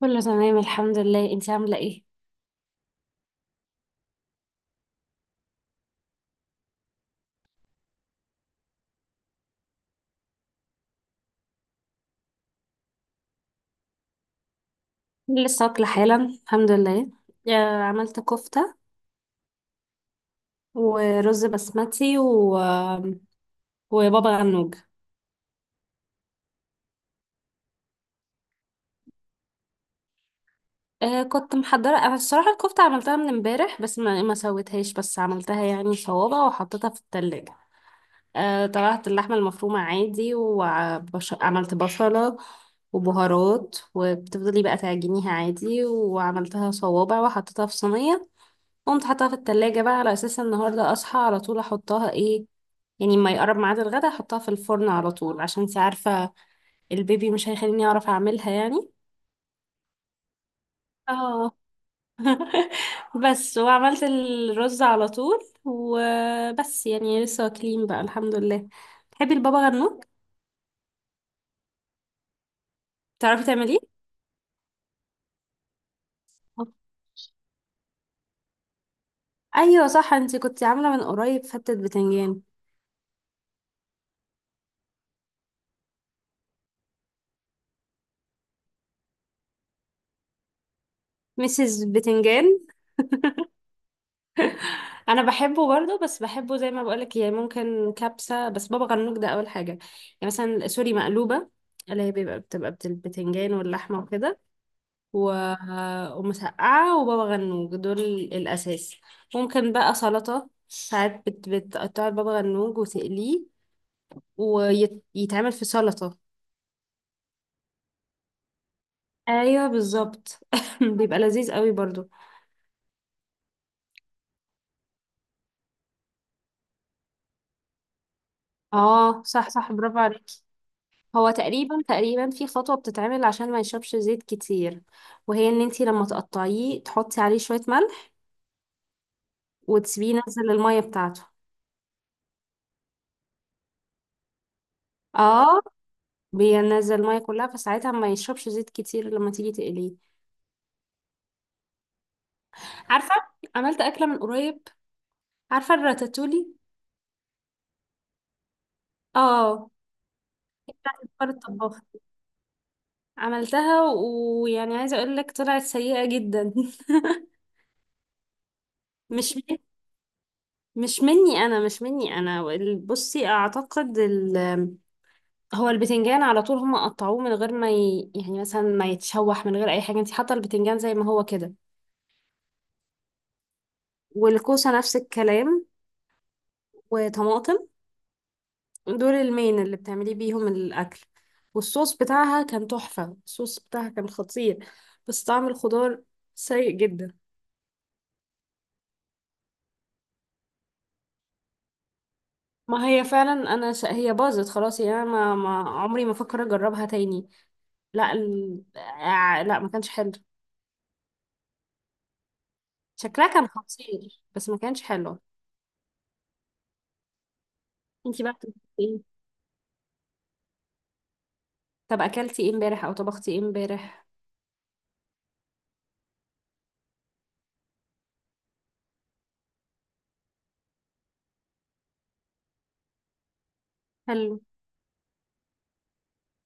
كله تمام الحمد لله. انتي عاملة ايه؟ لسه واكلة حالا الحمد لله. عملت كفتة ورز بسمتي وبابا غنوج. كنت محضرة انا الصراحة. الكفتة عملتها من امبارح بس ما سويتهاش، بس عملتها يعني صوابع وحطيتها في التلاجة. طلعت اللحمة المفرومة عادي وعملت بصلة وبهارات، وبتفضلي بقى تعجنيها عادي وعملتها صوابع وحطيتها في صينية. قمت حطها في التلاجة بقى على أساس النهاردة أصحى على طول أحطها إيه، يعني ما يقرب ميعاد الغدا أحطها في الفرن على طول، عشان انتي عارفة البيبي مش هيخليني أعرف أعملها يعني. اه. بس وعملت الرز على طول وبس، يعني لسه واكلين بقى الحمد لله. تحبي البابا غنوج؟ تعرفي تعمليه؟ آه. ايوه صح، انتي كنتي عامله من قريب فتة بتنجان. مسز بتنجان. انا بحبه برضه بس بحبه زي ما بقولك، يعني ممكن كبسه، بس بابا غنوج ده اول حاجه يعني. مثلا سوري مقلوبه، اللي هي البتنجان واللحمه وكده و... ومسقعه وبابا غنوج دول الاساس. ممكن بقى سلطه ساعات بتقطع بابا غنوج وتقليه ويتعمل في سلطه. ايوه بالظبط. بيبقى لذيذ قوي برضه. اه صح برافو عليك. هو تقريبا في خطوة بتتعمل عشان ما يشربش زيت كتير، وهي ان انتي لما تقطعيه تحطي عليه شوية ملح وتسيبيه ينزل المية بتاعته. اه. بينزل المية كلها فساعتها ما يشربش زيت كتير لما تيجي تقليه. عارفة، عملت أكلة من قريب. عارفة الراتاتولي؟ اه. فكر الطباخ. عملتها ويعني عايزة اقول لك طلعت سيئة جدا. مش مش مني انا، مش مني انا. بصي اعتقد هو البتنجان على طول هم قطعوه من غير ما ي... يعني مثلا ما يتشوح، من غير اي حاجه انت حاطه البتنجان زي ما هو كده. والكوسه نفس الكلام، وطماطم. دول المين اللي بتعملي بيهم الاكل. والصوص بتاعها كان تحفه، الصوص بتاعها كان خطير، بس طعم الخضار سيء جدا. ما هي فعلا انا هي باظت خلاص، يعني انا ما عمري ما فكر اجربها تاني. لا ال... آه، لا ما كانش حلو. شكلها كان خطير بس ما كانش حلو. انتي بقى بتعملي إيه؟ طب اكلتي ايه امبارح او طبختي ايه امبارح؟ حلو.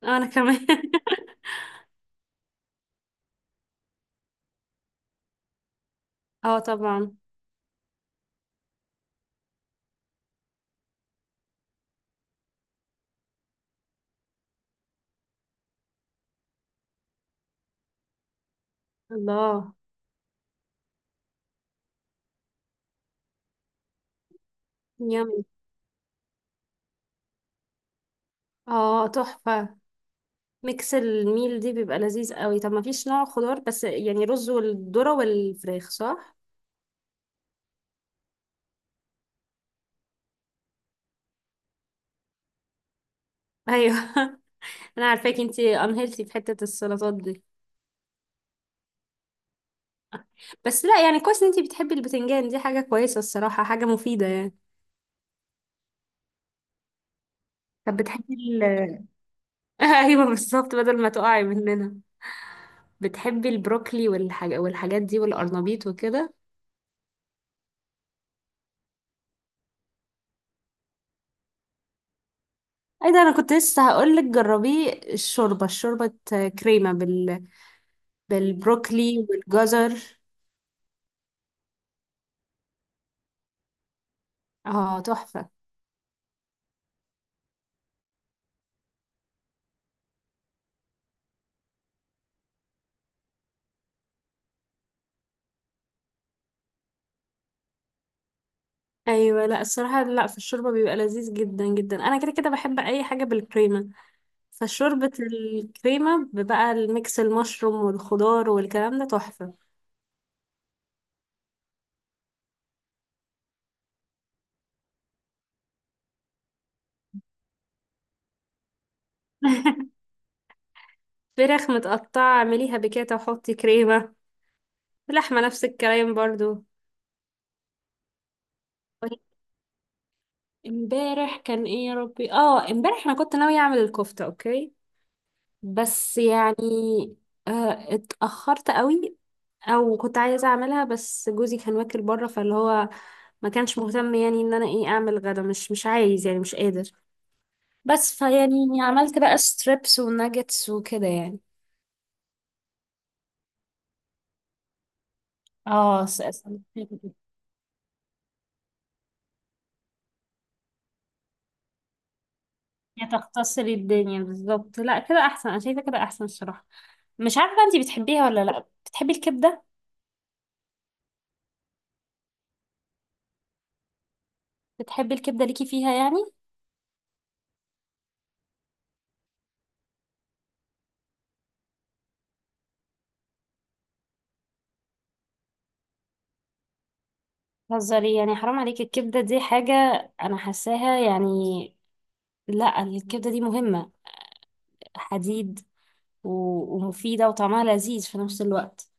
انا كمان. اه طبعا. الله. يامي. اه تحفة. ميكس الميل دي بيبقى لذيذ قوي. طب ما فيش نوع خضار، بس يعني رز والذرة والفراخ، صح؟ ايوه. انا عارفاكي انتي، انهيلتي في حتة السلطات دي. بس لا يعني كويس ان انتي بتحبي البتنجان، دي حاجة كويسة الصراحة، حاجة مفيدة يعني. طب بتحبي ال ايوه بالظبط، بدل ما تقعي مننا. بتحبي البروكلي والحاجات دي والقرنبيط وكده؟ ايه ده، انا كنت لسه هقولك جربيه الشوربة. كريمة بال... بالبروكلي والجزر. اه تحفة. ايوه لا الصراحه، لا في الشوربه بيبقى لذيذ جدا جدا. انا كده كده بحب اي حاجه بالكريمه، فشوربه الكريمه بقى الميكس المشروم والخضار والكلام ده تحفه. فراخ متقطعه اعمليها بكده وحطي كريمه، لحمه نفس الكلام برضو. امبارح كان ايه يا ربي؟ اه امبارح انا كنت ناويه اعمل الكفته اوكي، بس يعني اتأخرت قوي. او كنت عايزة اعملها بس جوزي كان واكل بره، فاللي هو ما كانش مهتم يعني ان انا ايه اعمل غدا، مش عايز يعني مش قادر. بس فيعني عملت بقى ستريبس وناجتس وكده يعني. اه هي تختصري الدنيا بالظبط. لا كده احسن، انا شايفة كده احسن الصراحة. مش عارفة انتي بتحبيها ولا لا، بتحبي الكبدة؟ بتحبي الكبدة، ليكي فيها يعني؟ هزاري يعني، حرام عليكي. الكبدة دي حاجة انا حاساها يعني. لا الكبدة دي مهمة، حديد ومفيدة وطعمها لذيذ في نفس الوقت.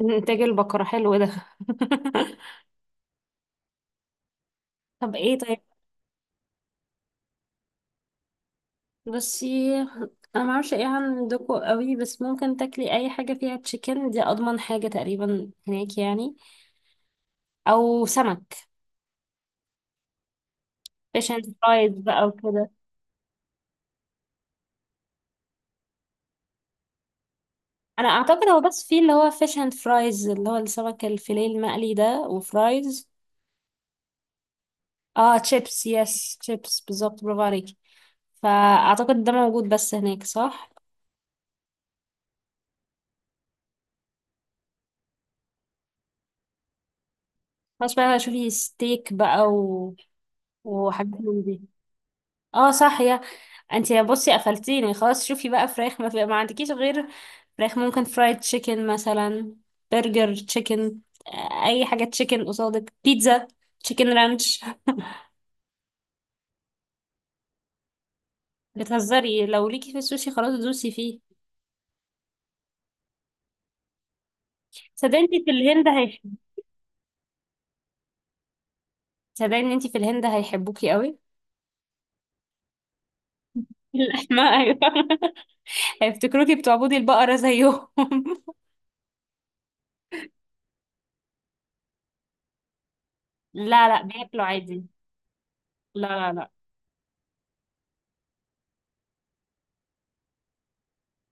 انتاج البقرة، حلو ده. طب ايه طيب؟ بصي انا ما اعرفش ايه عندكم قوي، بس ممكن تاكلي اي حاجة فيها تشيكن، دي اضمن حاجة تقريبا هناك يعني، او سمك. فيش اند فرايز بقى وكده. انا اعتقد هو بس في اللي هو فيش اند فرايز، اللي هو السمك الفيليه المقلي ده وفرايز. اه تشيبس، يس تشيبس بالظبط، برافو عليكي. فأعتقد ده موجود بس هناك، صح؟ خلاص بقى شوفي ستيك بقى وحاجات من دي. اه صح، يا بصي قفلتيني خلاص. شوفي بقى فراخ، ما عندكيش غير فراخ. ممكن فرايد تشيكن مثلا، برجر تشيكن، اي حاجة تشيكن قصادك، بيتزا، تشيكن رانش. بتهزري، لو ليكي في السوشي خلاص دوسي فيه. صدقني انت في الهند هيحب صدقني انت في الهند هيحبوكي قوي. اللحمة ايوه. هيفتكروكي بتعبدي البقرة زيهم. لا لا بياكلوا عادي. لا.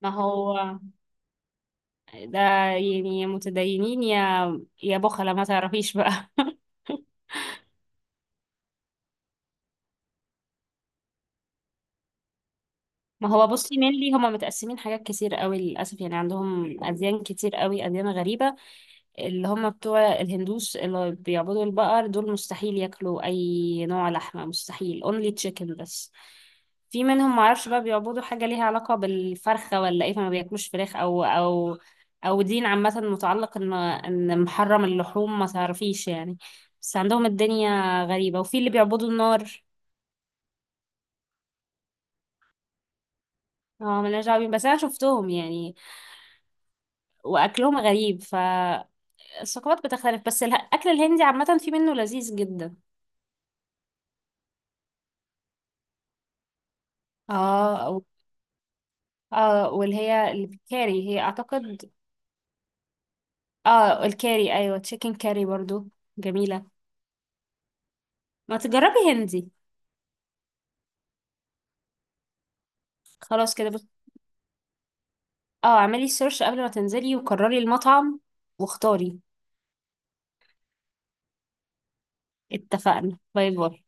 ما هو ده يعني، يا متدينين يا بخلة ما تعرفيش بقى. ما هو بصي مينلي هما متقسمين حاجات كتير قوي للأسف، يعني عندهم أديان كتير قوي، أديان غريبة. اللي هم بتوع الهندوس اللي بيعبدوا البقر دول مستحيل ياكلوا اي نوع لحمه، مستحيل only chicken بس. في منهم معرفش بقى بيعبدوا حاجه ليها علاقه بالفرخه ولا ايه، فما بياكلوش فراخ او او دين عامه متعلق ان ان محرم اللحوم، ما تعرفيش يعني. بس عندهم الدنيا غريبه، وفي اللي بيعبدوا النار. اه ملناش دعوة بيهم. بس انا شفتهم يعني واكلهم غريب. فالثقافات بتختلف، بس الاكل الهندي عامه في منه لذيذ جدا. اه. اه واللي هي الكاري هي اعتقد. اه الكاري ايوه، تشيكن كاري برضو، جميلة. ما تجربي هندي. خلاص كده بس. اه اعملي سيرش قبل ما تنزلي وقرري المطعم واختاري. اتفقنا، باي باي.